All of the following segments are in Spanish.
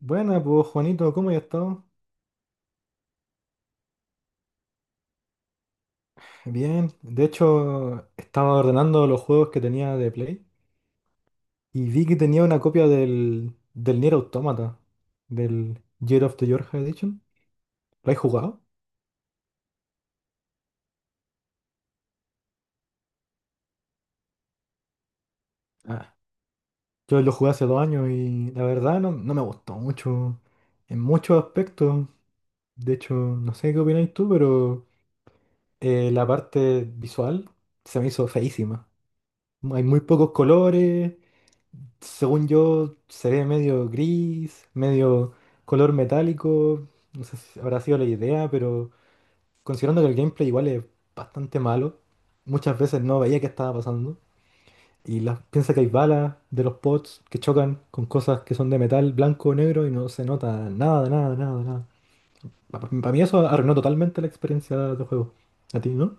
Buena, pues Juanito, ¿cómo has estado? Bien, de hecho estaba ordenando los juegos que tenía de Play y vi que tenía una copia del Nier Automata, del Year of the Georgia Edition. ¿Lo has jugado? Ah, yo lo jugué hace 2 años y la verdad no, no me gustó mucho en muchos aspectos. De hecho, no sé qué opináis tú, pero la parte visual se me hizo feísima. Hay muy pocos colores. Según yo, se ve medio gris, medio color metálico. No sé si habrá sido la idea, pero considerando que el gameplay igual es bastante malo, muchas veces no veía qué estaba pasando. Y piensa que hay balas de los pods que chocan con cosas que son de metal blanco o negro y no se nota nada, nada, nada, nada. Para mí eso arruinó totalmente la experiencia de juego. ¿A ti, no?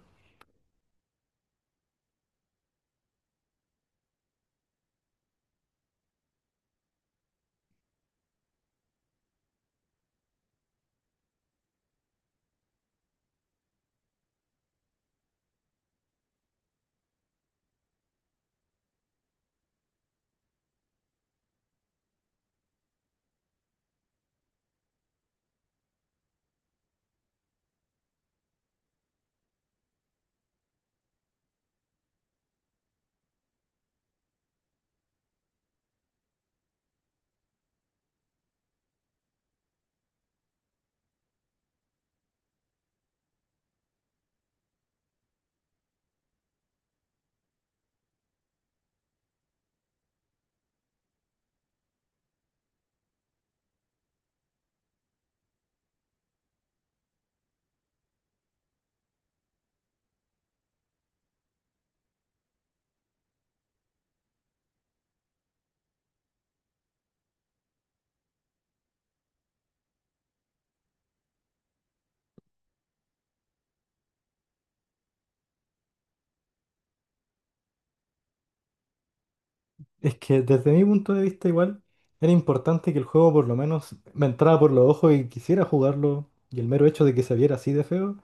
Es que desde mi punto de vista igual era importante que el juego por lo menos me entrara por los ojos y quisiera jugarlo, y el mero hecho de que se viera así de feo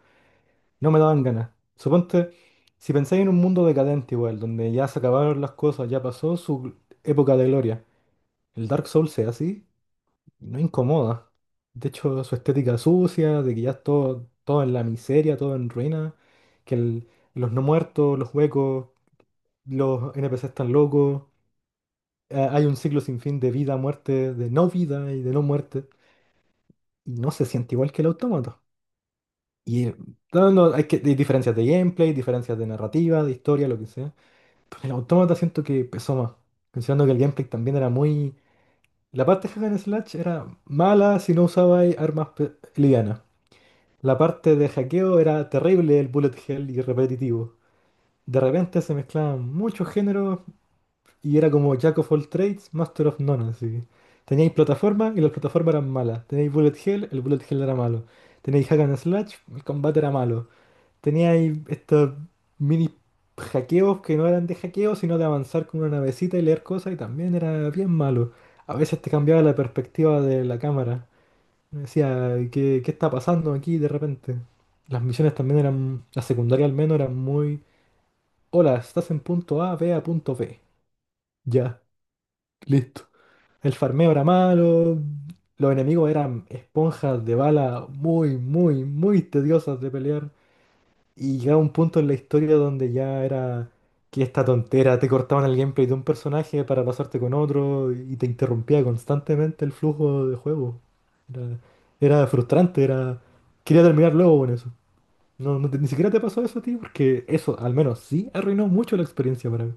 no me daban ganas. Suponte, si pensáis en un mundo decadente igual, donde ya se acabaron las cosas, ya pasó su época de gloria, el Dark Souls sea así, no incomoda. De hecho, su estética sucia, de que ya es todo, todo en la miseria, todo en ruina, que los no muertos, los huecos, los NPC están locos, hay un ciclo sin fin de vida, muerte, de no vida y de no muerte, y no se siente igual que el autómata. Y no, no, hay diferencias de gameplay, diferencias de narrativa, de historia, lo que sea. Pero el autómata siento que pesó más, considerando que el gameplay también era muy... La parte de hack and slash era mala si no usabais armas livianas. La parte de hackeo era terrible, el bullet hell y repetitivo. De repente se mezclaban muchos géneros y era como Jack of all trades, master of none, así. Teníais plataforma y las plataformas eran malas. Teníais bullet hell, el bullet hell era malo. Teníais hack and slash, el combate era malo. Teníais estos mini hackeos que no eran de hackeo, sino de avanzar con una navecita y leer cosas, y también era bien malo. A veces te cambiaba la perspectiva de la cámara. Me decía, ¿qué está pasando aquí de repente? Las misiones también eran, la secundaria al menos, eran muy... Hola, estás en punto A, ve a punto B. Ya, listo. El farmeo era malo, los enemigos eran esponjas de bala muy, muy, muy tediosas de pelear. Y llegaba un punto en la historia donde ya era que esta tontera, te cortaban el gameplay de un personaje para pasarte con otro y te interrumpía constantemente el flujo de juego. Era, era frustrante, era... Quería terminar luego con eso. No, ni siquiera te pasó eso a ti, porque eso al menos sí arruinó mucho la experiencia para mí.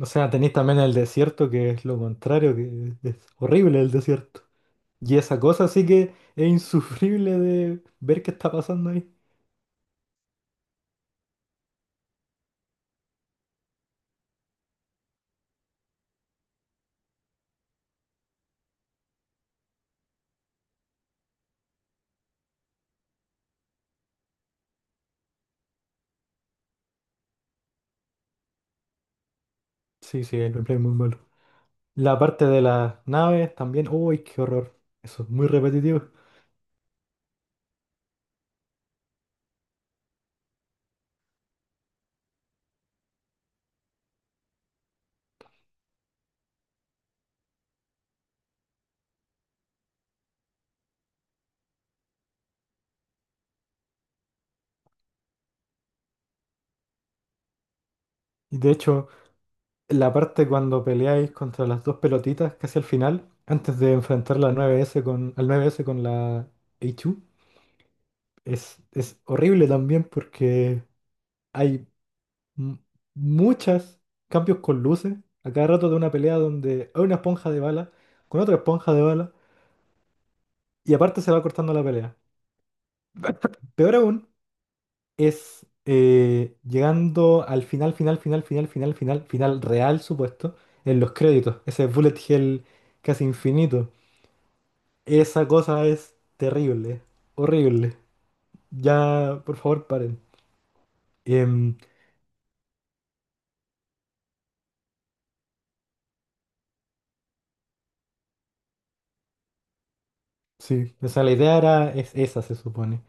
O sea, tenéis también el desierto, que es lo contrario, que es horrible el desierto. Y esa cosa sí que es insufrible de ver qué está pasando ahí. Sí, sí, el replay es muy malo. La parte de las naves también. Uy, qué horror. Eso es muy repetitivo. Y de hecho, la parte cuando peleáis contra las dos pelotitas casi al final, antes de enfrentar la 9S con, al 9S con la H2, es horrible también porque hay m- muchos cambios con luces. A cada rato de una pelea donde hay una esponja de bala con otra esponja de bala, y aparte se va cortando la pelea. Peor aún es llegando al final, final, final, final, final, final, final real, supuesto, en los créditos. Ese bullet hell casi infinito. Esa cosa es terrible, horrible. Ya, por favor, paren. Em, sí, o sea, la idea era es esa, se supone.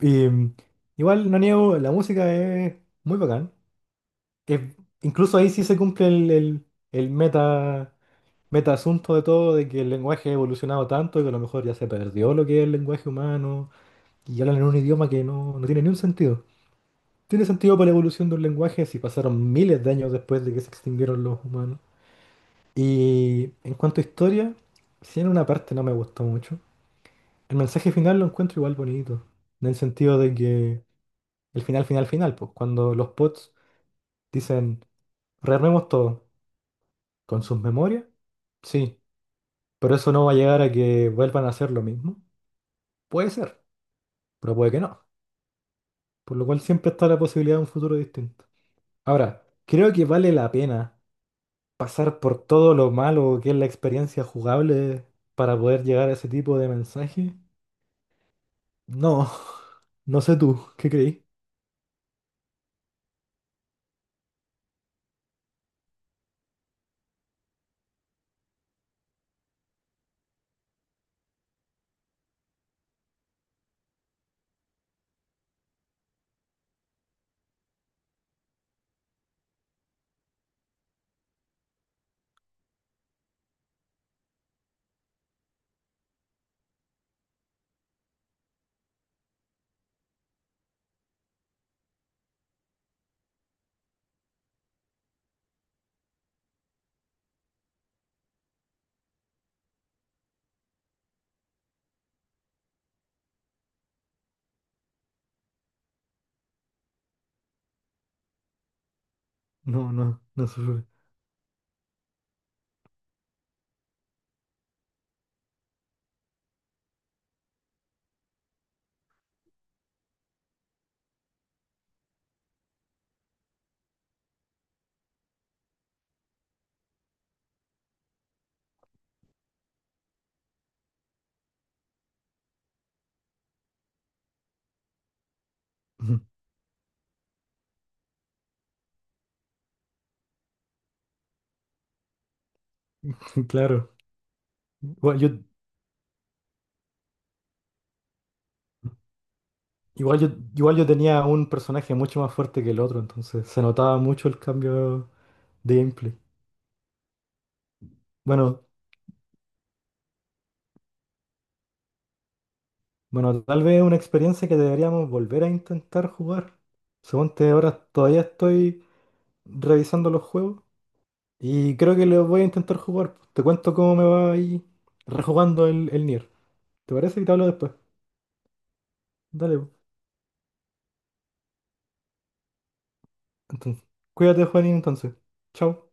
Y, igual, no niego, la música es muy bacán. Es- incluso ahí sí se cumple el meta, meta asunto de todo, de que el lenguaje ha evolucionado tanto que a lo mejor ya se perdió lo que es el lenguaje humano y hablan en un idioma que no, no tiene ni un sentido. Tiene sentido para la evolución de un lenguaje si pasaron miles de años después de que se extinguieron los humanos. Y en cuanto a historia, sí, en una parte no me gustó mucho, el mensaje final lo encuentro igual bonito, en el sentido de que el final, final, final, pues cuando los bots dicen, rearmemos todo con sus memorias, sí, pero eso no va a llegar a que vuelvan a hacer lo mismo. Puede ser, pero puede que no. Por lo cual siempre está la posibilidad de un futuro distinto. Ahora, creo que vale la pena pasar por todo lo malo que es la experiencia jugable para poder llegar a ese tipo de mensaje. No, no sé tú, ¿qué creí? No, no, no sé. Claro. Igual yo, igual yo, igual yo tenía un personaje mucho más fuerte que el otro, entonces se notaba mucho el cambio de gameplay. Bueno, bueno, tal vez es una experiencia que deberíamos volver a intentar jugar. Según Suponte ahora todavía estoy revisando los juegos y creo que los voy a intentar jugar. Te cuento cómo me va ahí rejugando el Nier. ¿Te parece? Y te hablo después. Dale. Pues. Entonces, cuídate, Juanín, entonces. Chao.